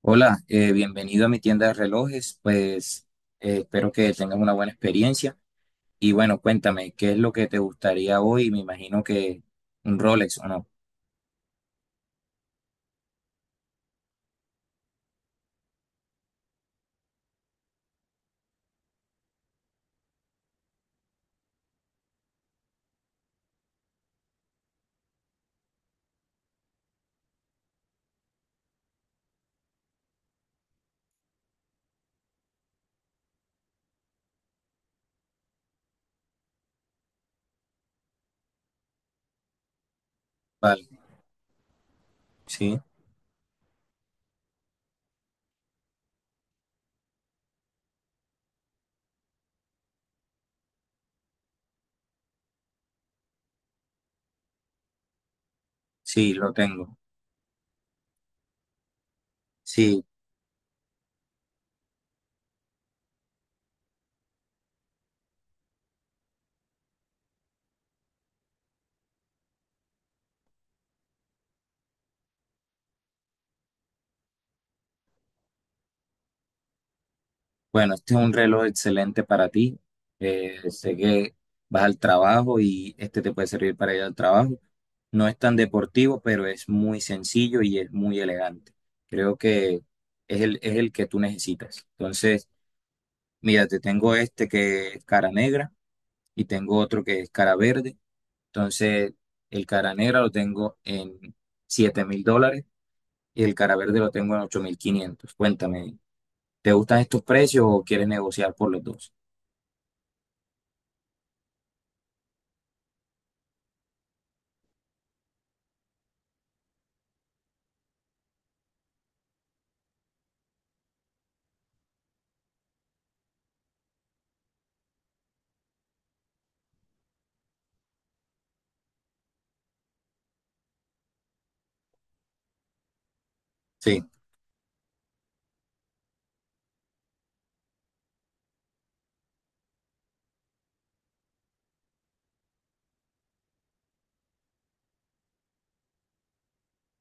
Hola, bienvenido a mi tienda de relojes. Pues espero que tengas una buena experiencia. Y bueno, cuéntame, ¿qué es lo que te gustaría hoy? Me imagino que un Rolex o no. Vale, sí, sí, lo tengo. Sí, bueno, este es un reloj excelente para ti. Sé que vas al trabajo y este te puede servir para ir al trabajo. No es tan deportivo, pero es muy sencillo y es muy elegante. Creo que es el que tú necesitas. Entonces. Mira, te tengo este que es cara negra y tengo otro que es cara verde. Entonces, el cara negra lo tengo en $7,000 y el cara verde lo tengo en 8,500. Cuéntame, ¿te gustan estos precios o quieres negociar por los dos? Sí,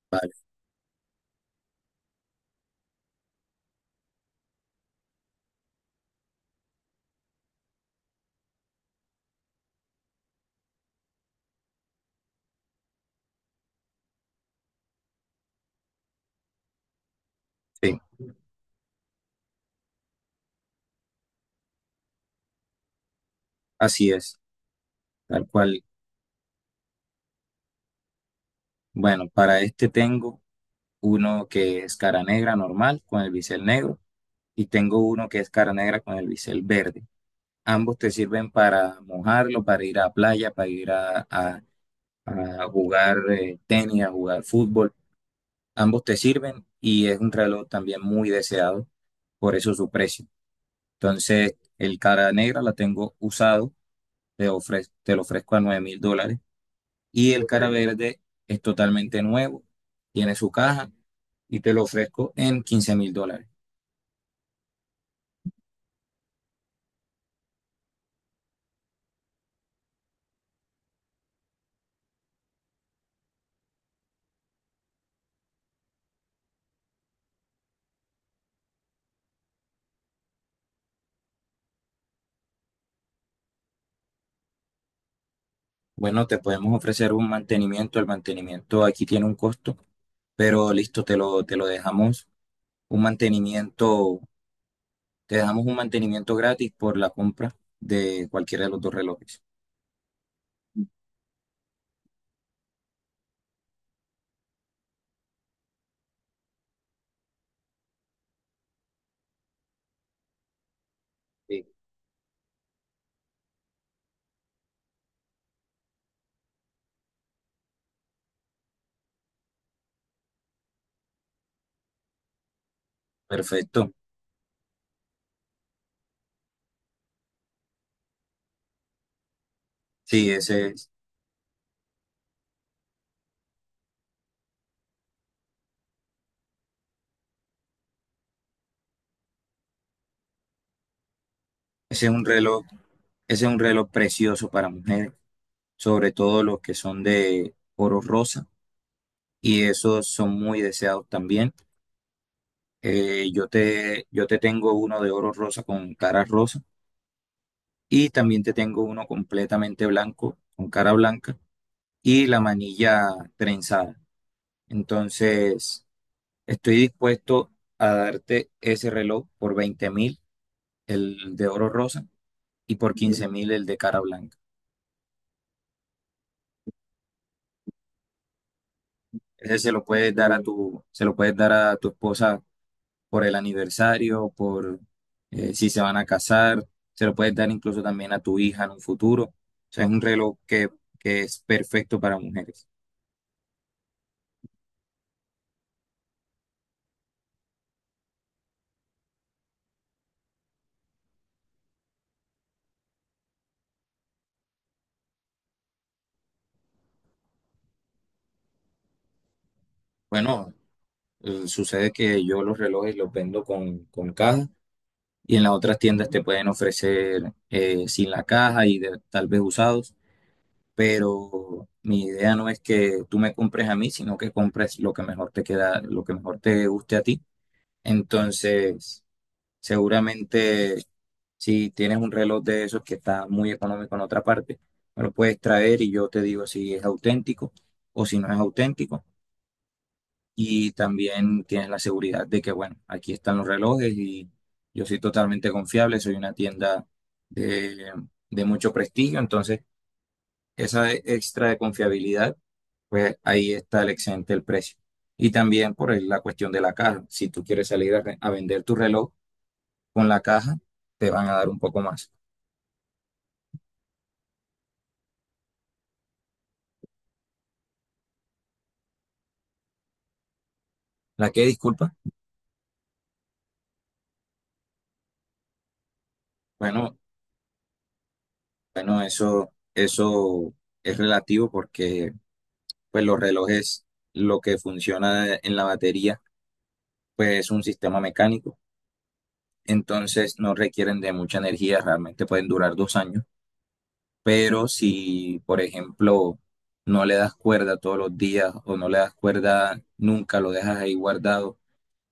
vale, sí, así es, tal cual. Bueno, para este tengo uno que es cara negra normal con el bisel negro y tengo uno que es cara negra con el bisel verde. Ambos te sirven para mojarlo, para ir a playa, para ir a a jugar tenis, a jugar fútbol. Ambos te sirven y es un reloj también muy deseado, por eso su precio. Entonces, el cara negra la tengo usado, te lo ofrezco a $9,000 y el cara, ok, verde es totalmente nuevo, tiene su caja y te lo ofrezco en $15,000. Bueno, te podemos ofrecer un mantenimiento, el mantenimiento aquí tiene un costo, pero listo, te lo dejamos. Un mantenimiento Te damos un mantenimiento gratis por la compra de cualquiera de los dos relojes. Sí. Perfecto. Sí, ese es un reloj, ese es un reloj precioso para mujeres, sobre todo los que son de oro rosa, y esos son muy deseados también. Yo te tengo uno de oro rosa con cara rosa, y también te tengo uno completamente blanco, con cara blanca, y la manilla trenzada. Entonces, estoy dispuesto a darte ese reloj por 20,000, el de oro rosa, y por 15,000 el de cara blanca. Ese se lo puedes dar a tu, se lo puedes dar a tu esposa por el aniversario, por si se van a casar, se lo puedes dar incluso también a tu hija en un futuro. O sea, es un reloj que es perfecto para mujeres. Bueno, sucede que yo los relojes los vendo con caja y en las otras tiendas te pueden ofrecer sin la caja y tal vez usados. Pero mi idea no es que tú me compres a mí, sino que compres lo que mejor te queda, lo que mejor te guste a ti. Entonces, seguramente si tienes un reloj de esos que está muy económico en otra parte, me lo puedes traer y yo te digo si es auténtico o si no es auténtico. Y también tienes la seguridad de que, bueno, aquí están los relojes y yo soy totalmente confiable, soy una tienda de, de mucho prestigio, entonces esa extra de confiabilidad, pues ahí está el excedente del precio. Y también por la cuestión de la caja. Si tú quieres salir a, a vender tu reloj con la caja, te van a dar un poco más. ¿La que disculpa? Bueno, bueno, eso es relativo porque pues los relojes, lo que funciona en la batería, pues es un sistema mecánico. Entonces no requieren de mucha energía, realmente pueden durar 2 años. Pero si, por ejemplo, no le das cuerda todos los días o no le das cuerda nunca, lo dejas ahí guardado,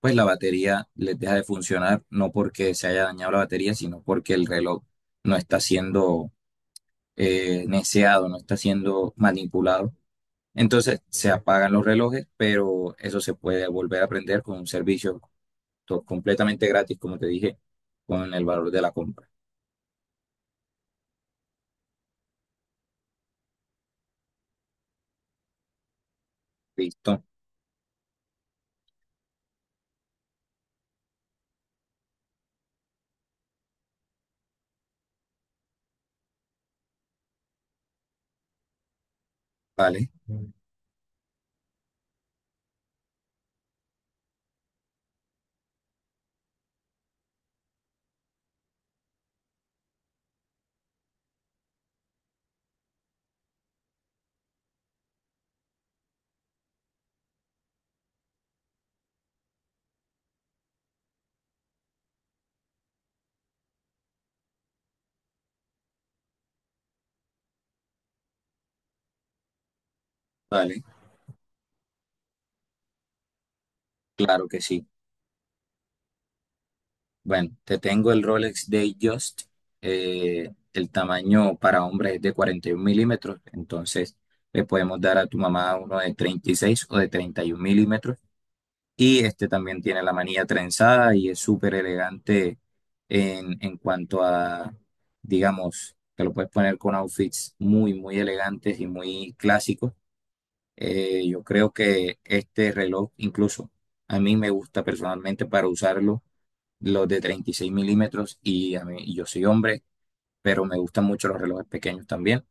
pues la batería les deja de funcionar, no porque se haya dañado la batería, sino porque el reloj no está siendo neceado, no está siendo manipulado. Entonces se apagan los relojes, pero eso se puede volver a prender con un servicio completamente gratis, como te dije, con el valor de la compra. ¿Listo? Vale, vale, claro que sí. Bueno, te tengo el Rolex Datejust. Eh, el tamaño para hombres es de 41 mm, entonces le podemos dar a tu mamá uno de 36 o de 31 mm. Y este también tiene la manilla trenzada y es súper elegante en cuanto a, digamos, que lo puedes poner con outfits muy, muy elegantes y muy clásicos. Yo creo que este reloj incluso a mí me gusta personalmente para usarlo los de 36 mm y a mí, y yo soy hombre, pero me gustan mucho los relojes pequeños también.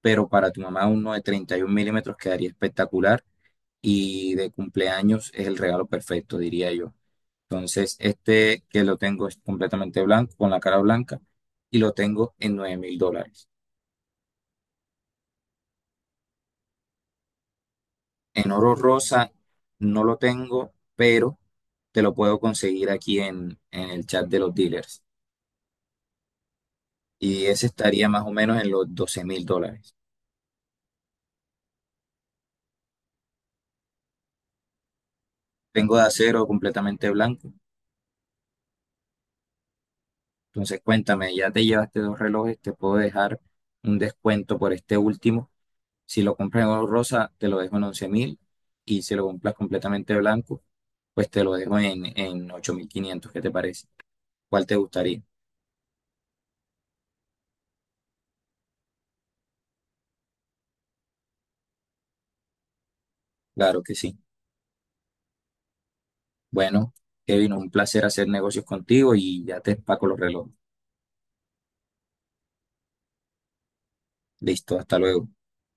Pero para tu mamá uno de 31 mm quedaría espectacular y de cumpleaños es el regalo perfecto, diría yo. Entonces, este que lo tengo es completamente blanco, con la cara blanca, y lo tengo en $9,000. En oro rosa no lo tengo, pero te lo puedo conseguir aquí en el chat de los dealers. Y ese estaría más o menos en los $12,000. Tengo de acero completamente blanco. Entonces, cuéntame, ya te llevaste dos relojes, te puedo dejar un descuento por este último. Si lo compras en oro rosa, te lo dejo en 11,000. Y si lo compras completamente blanco, pues te lo dejo en 8,500. ¿Qué te parece? ¿Cuál te gustaría? Claro que sí. Bueno, Kevin, un placer hacer negocios contigo y ya te empaco los relojes. Listo, hasta luego.